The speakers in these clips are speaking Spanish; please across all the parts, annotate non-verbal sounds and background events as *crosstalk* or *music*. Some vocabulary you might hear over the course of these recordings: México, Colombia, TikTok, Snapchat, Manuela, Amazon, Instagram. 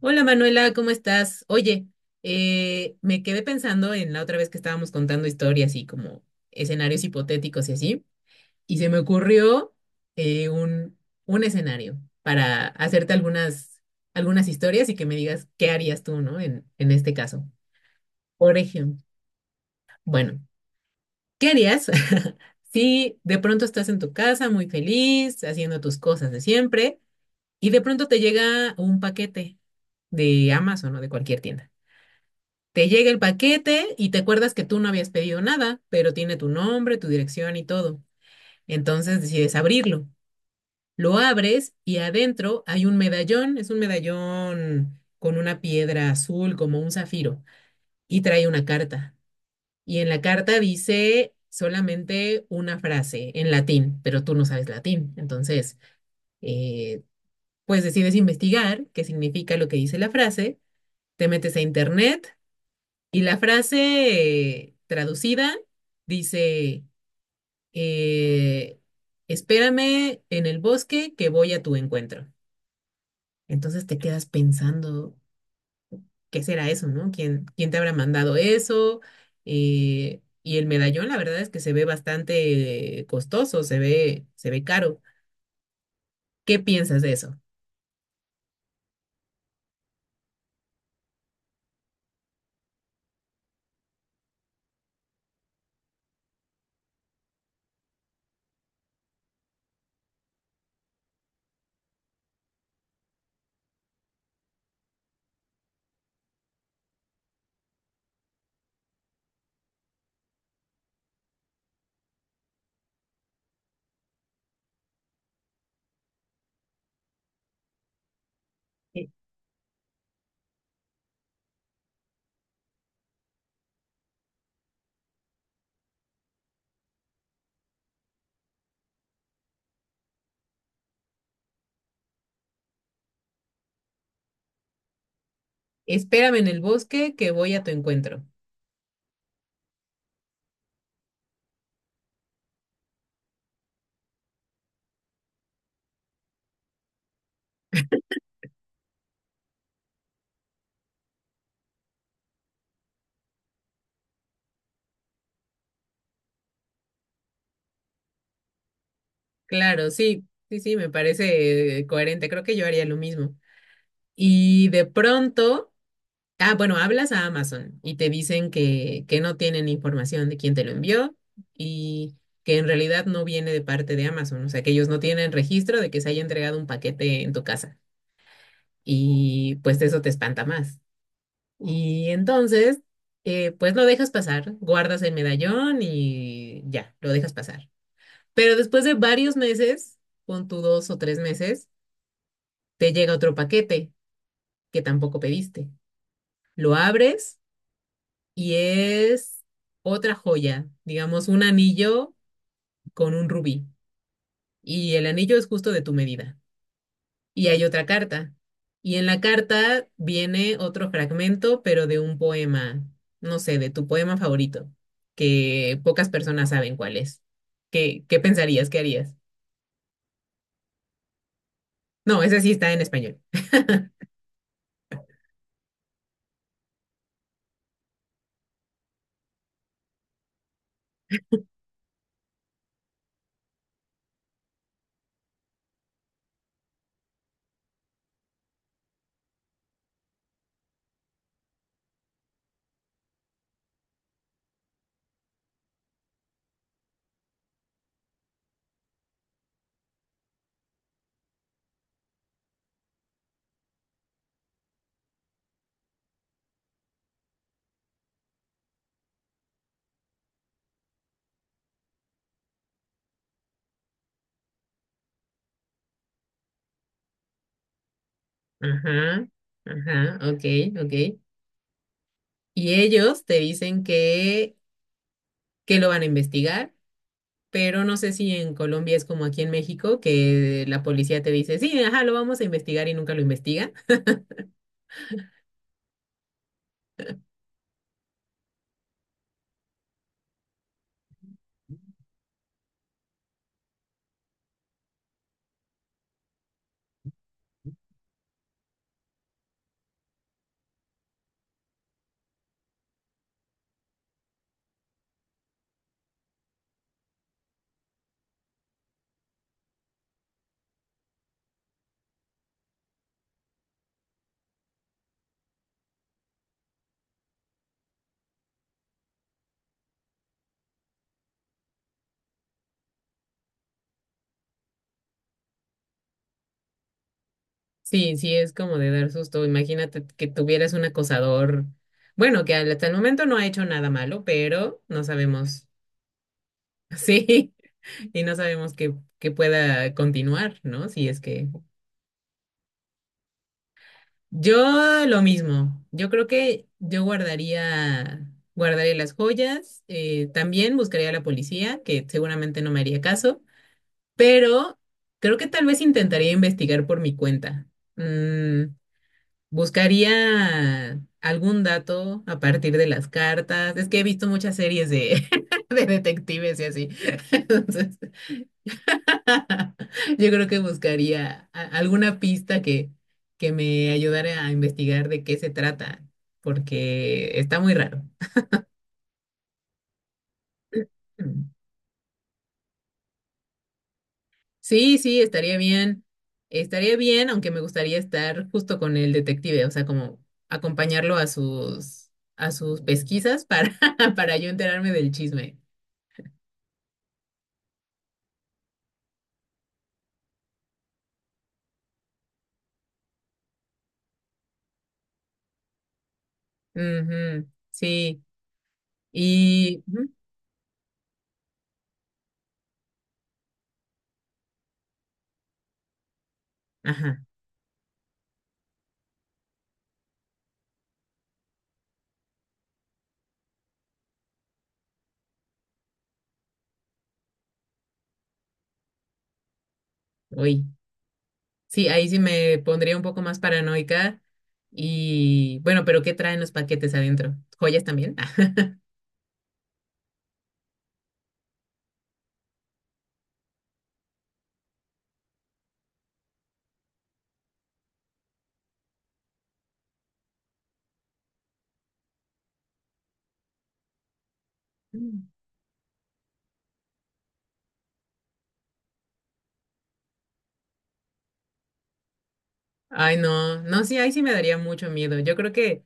Hola Manuela, ¿cómo estás? Oye, me quedé pensando en la otra vez que estábamos contando historias y como escenarios hipotéticos y así, y se me ocurrió eh, un, un escenario para hacerte algunas historias y que me digas qué harías tú, ¿no? En este caso. Por ejemplo, bueno, ¿qué harías *laughs* si de pronto estás en tu casa muy feliz, haciendo tus cosas de siempre, y de pronto te llega un paquete de Amazon o de cualquier tienda? Te llega el paquete y te acuerdas que tú no habías pedido nada, pero tiene tu nombre, tu dirección y todo. Entonces decides abrirlo. Lo abres y adentro hay un medallón, es un medallón con una piedra azul como un zafiro y trae una carta. Y en la carta dice solamente una frase en latín, pero tú no sabes latín. Entonces, eh, pues decides investigar qué significa lo que dice la frase, te metes a internet. Y la frase traducida dice, eh, espérame en el bosque que voy a tu encuentro. Entonces te quedas pensando, ¿qué será eso, no? Quién te habrá mandado eso? Y el medallón, la verdad es que se ve bastante costoso, se ve caro. ¿Qué piensas de eso? Eh, Espérame en el bosque que voy a tu encuentro. Claro, sí, sí, sí, me parece coherente. Creo que yo haría lo mismo. Y de pronto... Ah, bueno, hablas a Amazon y te dicen que no tienen información de quién te lo envió y que en realidad no viene de parte de Amazon, o sea, que ellos no tienen registro de que se haya entregado un paquete en tu casa y pues eso te espanta más. Y entonces, pues lo dejas pasar, guardas el medallón y ya, lo dejas pasar. Pero después de varios meses, pon tú dos o tres meses, te llega otro paquete que tampoco pediste. Lo abres y es otra joya, digamos, un anillo con un rubí. Y el anillo es justo de tu medida. Y hay otra carta. Y en la carta viene otro fragmento, pero de un poema, no sé, de tu poema favorito, que pocas personas saben cuál es. Qué pensarías? ¿Qué harías? No, ese sí está en español. Ajá, ajá, ok, ok. Y ellos te dicen que lo van a investigar, pero no sé si en Colombia es como aquí en México, que la policía te dice, sí, ajá, lo vamos a investigar y nunca lo investiga. Sí, sí, es como de dar susto. Imagínate que tuvieras un acosador, bueno, que hasta el momento no ha hecho nada malo, pero no sabemos, *laughs* sí, y no sabemos que pueda continuar, ¿no? Si es que... Yo lo mismo, yo creo que yo guardaría las joyas, también buscaría a la policía, que seguramente no me haría caso, pero creo que tal vez intentaría investigar por mi cuenta. Mm, buscaría algún dato a partir de las cartas. Es que he visto muchas series de, *laughs* de detectives y así. *laughs* Entonces, *laughs* yo creo que buscaría alguna pista que me ayudara a investigar de qué se trata, porque está muy raro. Mm. Sí, sí, estaría bien. Estaría bien, aunque me gustaría estar justo con el detective, o sea, como acompañarlo a sus pesquisas para *laughs* para yo enterarme del chisme. Ujú, sí. Y ujú, ajá, uy. Sí, ahí sí me pondría un poco más paranoica y bueno, pero ¿qué traen los paquetes adentro? ¿Joyas también? *laughs* Mm. Ay, no, no, sí, ahí sí me daría mucho miedo. Yo creo que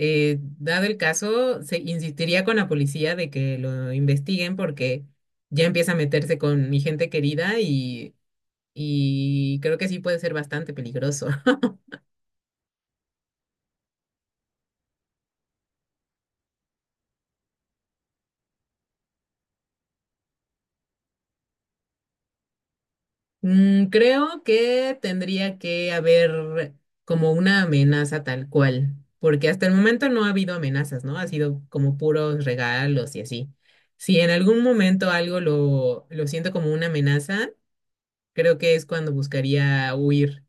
Dado el caso, se insistiría con la policía de que lo investiguen porque ya empieza a meterse con mi gente querida y creo que sí puede ser bastante peligroso. *laughs* Mm, creo que tendría que haber como una amenaza tal cual, porque hasta el momento no ha habido amenazas, ¿no? Ha sido como puros regalos y así. Si en algún momento algo lo siento como una amenaza, creo que es cuando buscaría huir.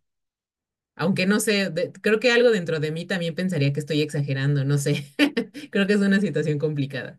Aunque no sé, creo que algo dentro de mí también pensaría que estoy exagerando, no sé. *laughs* Creo que es una situación complicada.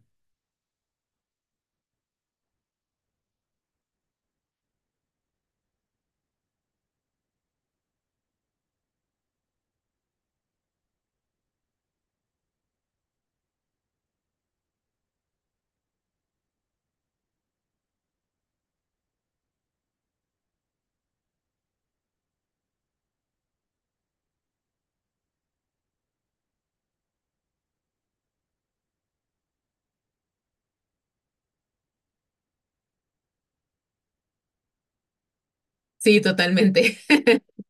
Sí, totalmente. *laughs*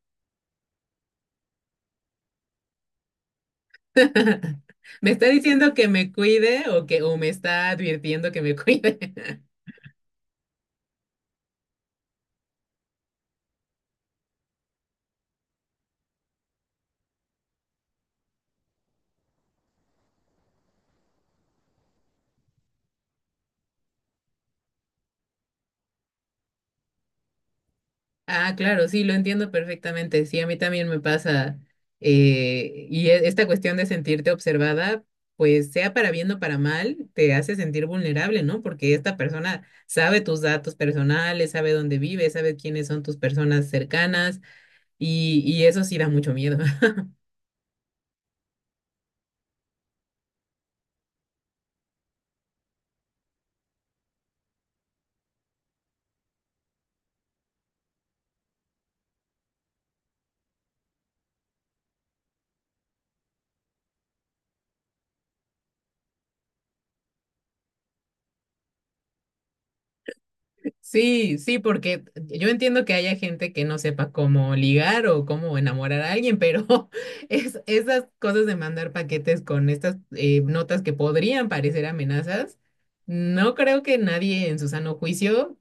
*laughs* ¿Me está diciendo que me cuide o que o me está advirtiendo que me cuide? *laughs* Ah, claro, sí, lo entiendo perfectamente. Sí, a mí también me pasa. Y esta cuestión de sentirte observada, pues sea para bien o para mal, te hace sentir vulnerable, ¿no? Porque esta persona sabe tus datos personales, sabe dónde vives, sabe quiénes son tus personas cercanas y eso sí da mucho miedo. *laughs* Sí, sí, porque yo entiendo que haya gente que no sepa cómo ligar o cómo enamorar a alguien, pero *laughs* esas cosas de mandar paquetes con estas notas que podrían parecer amenazas, no creo que nadie en su sano juicio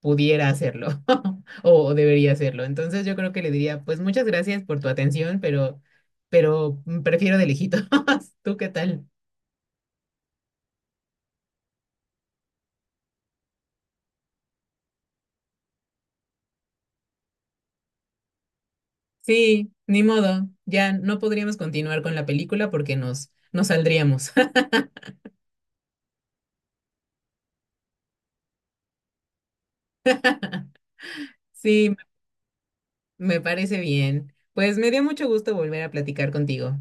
pudiera hacerlo *laughs* o debería hacerlo. Entonces yo creo que le diría, pues muchas gracias por tu atención, pero prefiero de lejitos. *laughs* ¿Tú qué tal? Sí, ni modo, ya no podríamos continuar con la película porque nos saldríamos. Sí, me parece bien. Pues me dio mucho gusto volver a platicar contigo.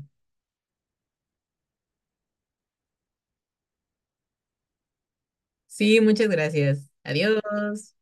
Sí, muchas gracias. Adiós.